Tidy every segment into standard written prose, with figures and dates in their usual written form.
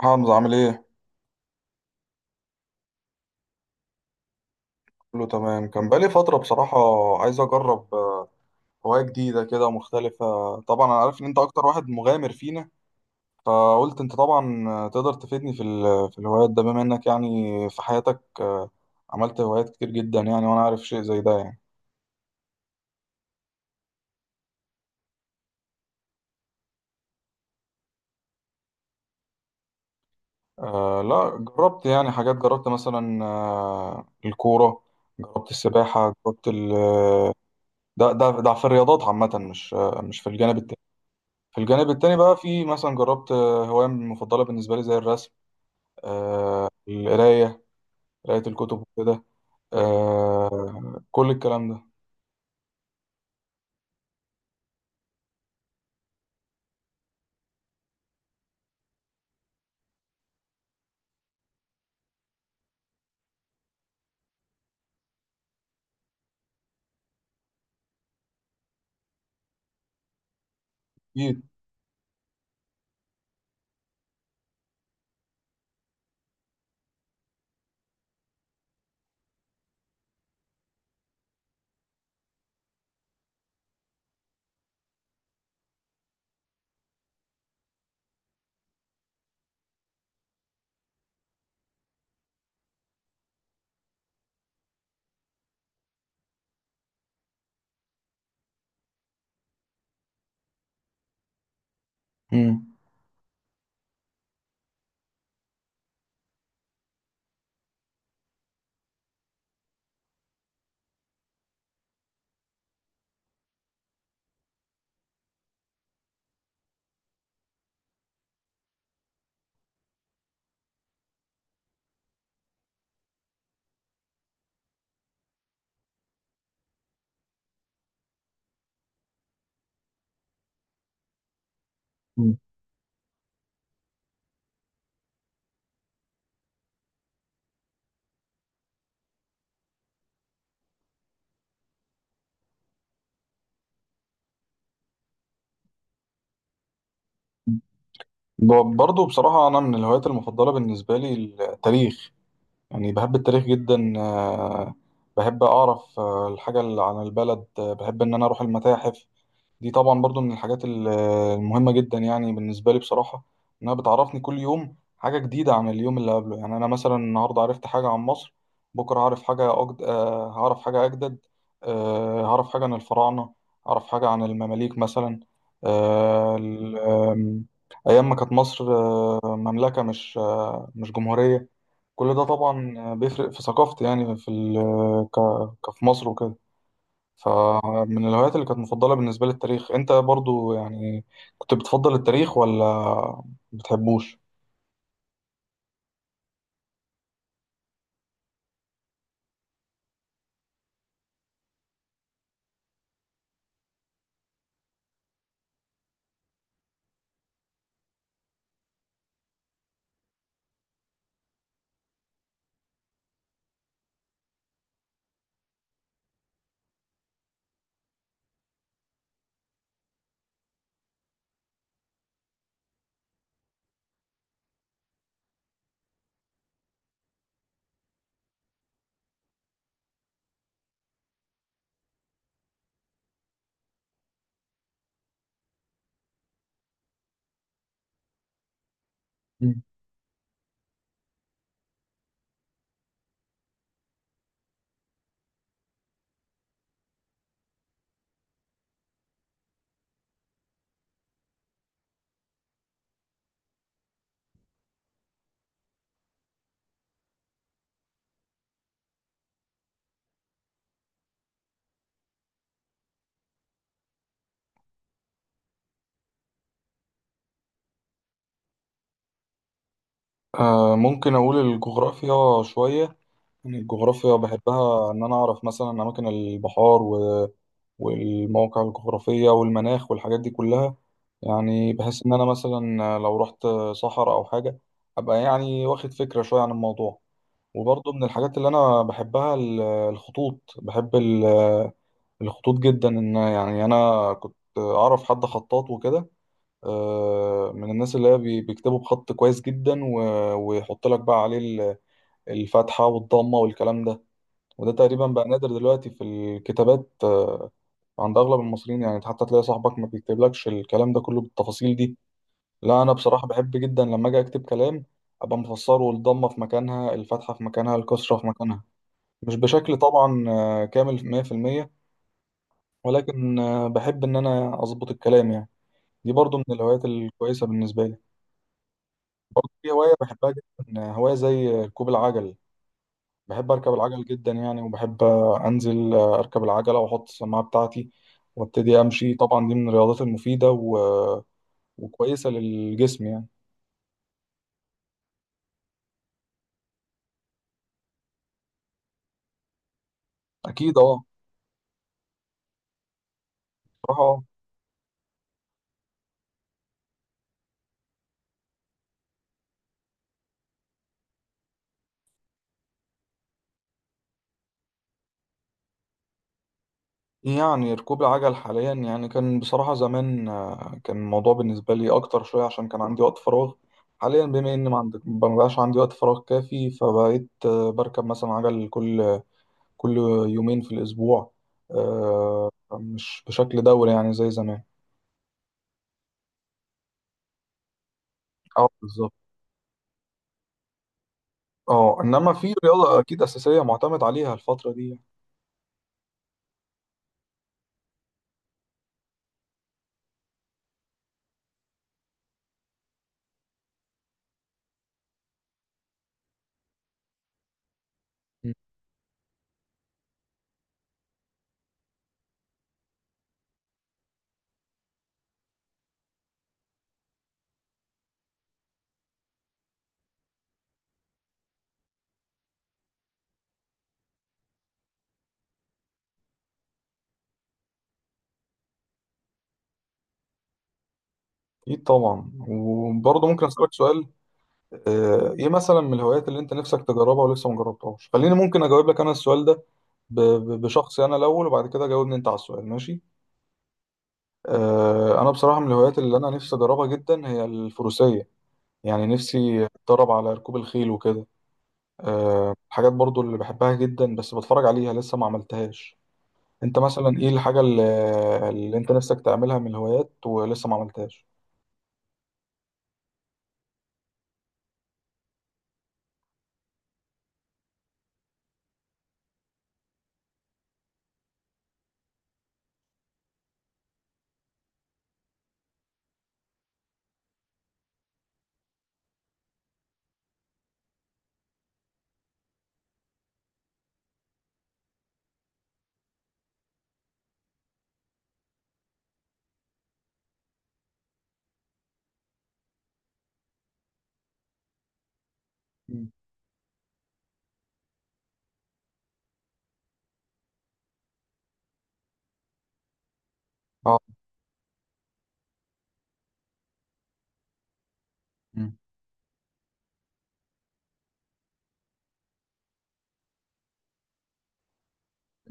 حمزة عامل ايه؟ كله تمام. كان بقالي فترة بصراحة. عايز أجرب هواية جديدة كده مختلفة. طبعا أنا عارف إن أنت أكتر واحد مغامر فينا. فقلت أنت طبعا تقدر تفيدني في الهوايات ده، بما إنك يعني في حياتك عملت هوايات كتير جدا يعني، وأنا عارف شيء زي ده يعني. لا، جربت يعني حاجات. جربت مثلا الكورة، جربت السباحة، جربت ال آه، ده في الرياضات عامة، مش في الجانب التاني. في الجانب التاني بقى في مثلا جربت هواية مفضلة بالنسبة لي زي الرسم، القراية، قراية الكتب وكده، كل الكلام ده. أكيد. مم. مم. برضه بصراحة أنا من الهوايات المفضلة بالنسبة لي التاريخ. يعني بحب التاريخ جدا. بحب أعرف الحاجة اللي عن البلد. بحب إن أنا أروح المتاحف. دي طبعا برضو من الحاجات المهمة جدا يعني بالنسبة لي بصراحة، إنها بتعرفني كل يوم حاجة جديدة عن اليوم اللي قبله. يعني أنا مثلا النهاردة عرفت حاجة عن مصر، بكرة هعرف حاجة أجد... آه، هعرف حاجة أجدد. هعرف حاجة عن الفراعنة، هعرف حاجة عن المماليك مثلا. آه، ال- آم، أيام ما كانت مصر مملكة، مش جمهورية. كل ده طبعا بيفرق في ثقافتي يعني ك... كفي مصر وكده. فمن الهوايات اللي كانت مفضلة بالنسبة لي التاريخ. انت برضو يعني كنت بتفضل التاريخ ولا بتحبوش؟ مم. ممكن اقول الجغرافيا شوية. يعني الجغرافيا بحبها، ان انا اعرف مثلا اماكن البحار والمواقع الجغرافية والمناخ والحاجات دي كلها. يعني بحس ان انا مثلا لو رحت صحراء او حاجة، ابقى يعني واخد فكرة شوية عن الموضوع. وبرضو من الحاجات اللي انا بحبها الخطوط. بحب الخطوط جدا، ان يعني انا كنت اعرف حد خطاط وكده، من الناس اللي هي بيكتبوا بخط كويس جدا ويحط لك بقى عليه الفتحة والضمة والكلام ده. وده تقريبا بقى نادر دلوقتي في الكتابات، عند اغلب المصريين. يعني حتى تلاقي صاحبك ما بيكتبلكش الكلام ده كله بالتفاصيل دي. لا، انا بصراحة بحب جدا لما اجي اكتب كلام ابقى مفسره الضمة في مكانها، الفتحة في مكانها، الكسرة في مكانها. مش بشكل طبعا كامل 100%، ولكن بحب إن أنا أظبط الكلام يعني. دي برضو من الهوايات الكويسة بالنسبة لي. برضو في هواية بحبها جدا، هواية زي ركوب العجل. بحب أركب العجل جدا يعني، وبحب أنزل أركب العجلة وأحط السماعة بتاعتي وأبتدي أمشي. طبعا دي من الرياضات المفيدة وكويسة للجسم يعني. أكيد أه. بصراحة يعني ركوب العجل حاليا، يعني كان بصراحة زمان كان الموضوع بالنسبة لي أكتر شوية عشان كان عندي وقت فراغ. حاليا بما إن ما بقاش عندي وقت فراغ كافي، فبقيت بركب مثلا عجل كل يومين في الأسبوع. مش بشكل دوري يعني زي زمان. اه، بالظبط. اه، إنما في رياضة أكيد أساسية معتمد عليها الفترة دي. مم. أكيد طبعا. وبرضه ممكن أسألك سؤال، إيه مثلا من الهوايات اللي أنت نفسك تجربها ولسه ما جربتهاش؟ خليني ممكن أجاوب لك أنا السؤال ده بشخصي انا الاول، وبعد كده جاوبني انت على السؤال، ماشي. انا بصراحه من الهوايات اللي انا نفسي اجربها جدا هي الفروسيه. يعني نفسي اتدرب على ركوب الخيل وكده. الحاجات برضو اللي بحبها جدا، بس بتفرج عليها لسه ما عملتهاش. انت مثلا ايه الحاجه اللي انت نفسك تعملها من الهوايات ولسه ما عملتهاش؟ مم. اه. مم.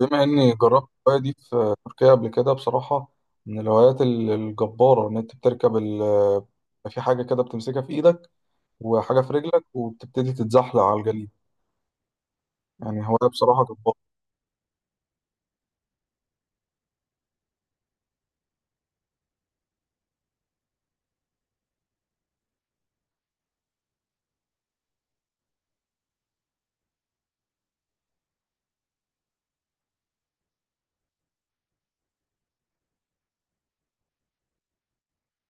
بما اني جربت الهوايه دي في تركيا قبل كده بصراحه، من الهوايات الجباره. ان انت بتركب في حاجه كده بتمسكها في ايدك، وحاجة في رجلك، وبتبتدي تتزحلق على الجليد. يعني هواية بصراحة جبارة.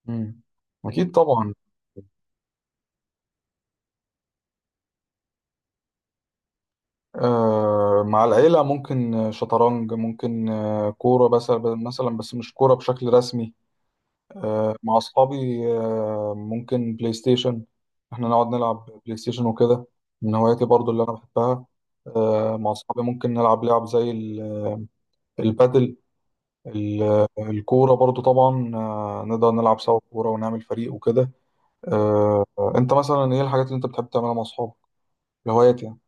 مم. أكيد طبعا. مع العيلة ممكن شطرنج، ممكن كورة، بس مثلا بس مش كورة بشكل رسمي. مع أصحابي ممكن بلاي ستيشن، إحنا نقعد نلعب بلاي ستيشن وكده. من هواياتي برضو اللي أنا بحبها مع أصحابي ممكن نلعب لعب زي البادل. الكورة برضو طبعا نقدر نلعب سوا كورة ونعمل فريق وكده. آه، انت مثلا ايه الحاجات اللي انت بتحب تعملها مع اصحابك، الهوايات يعني؟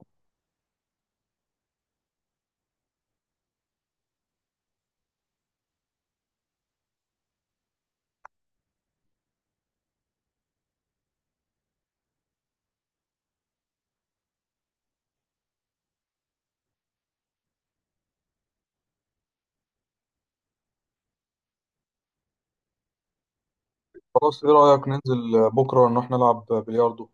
خلاص، ايه رأيك ننزل بكرة نروح نلعب بلياردو؟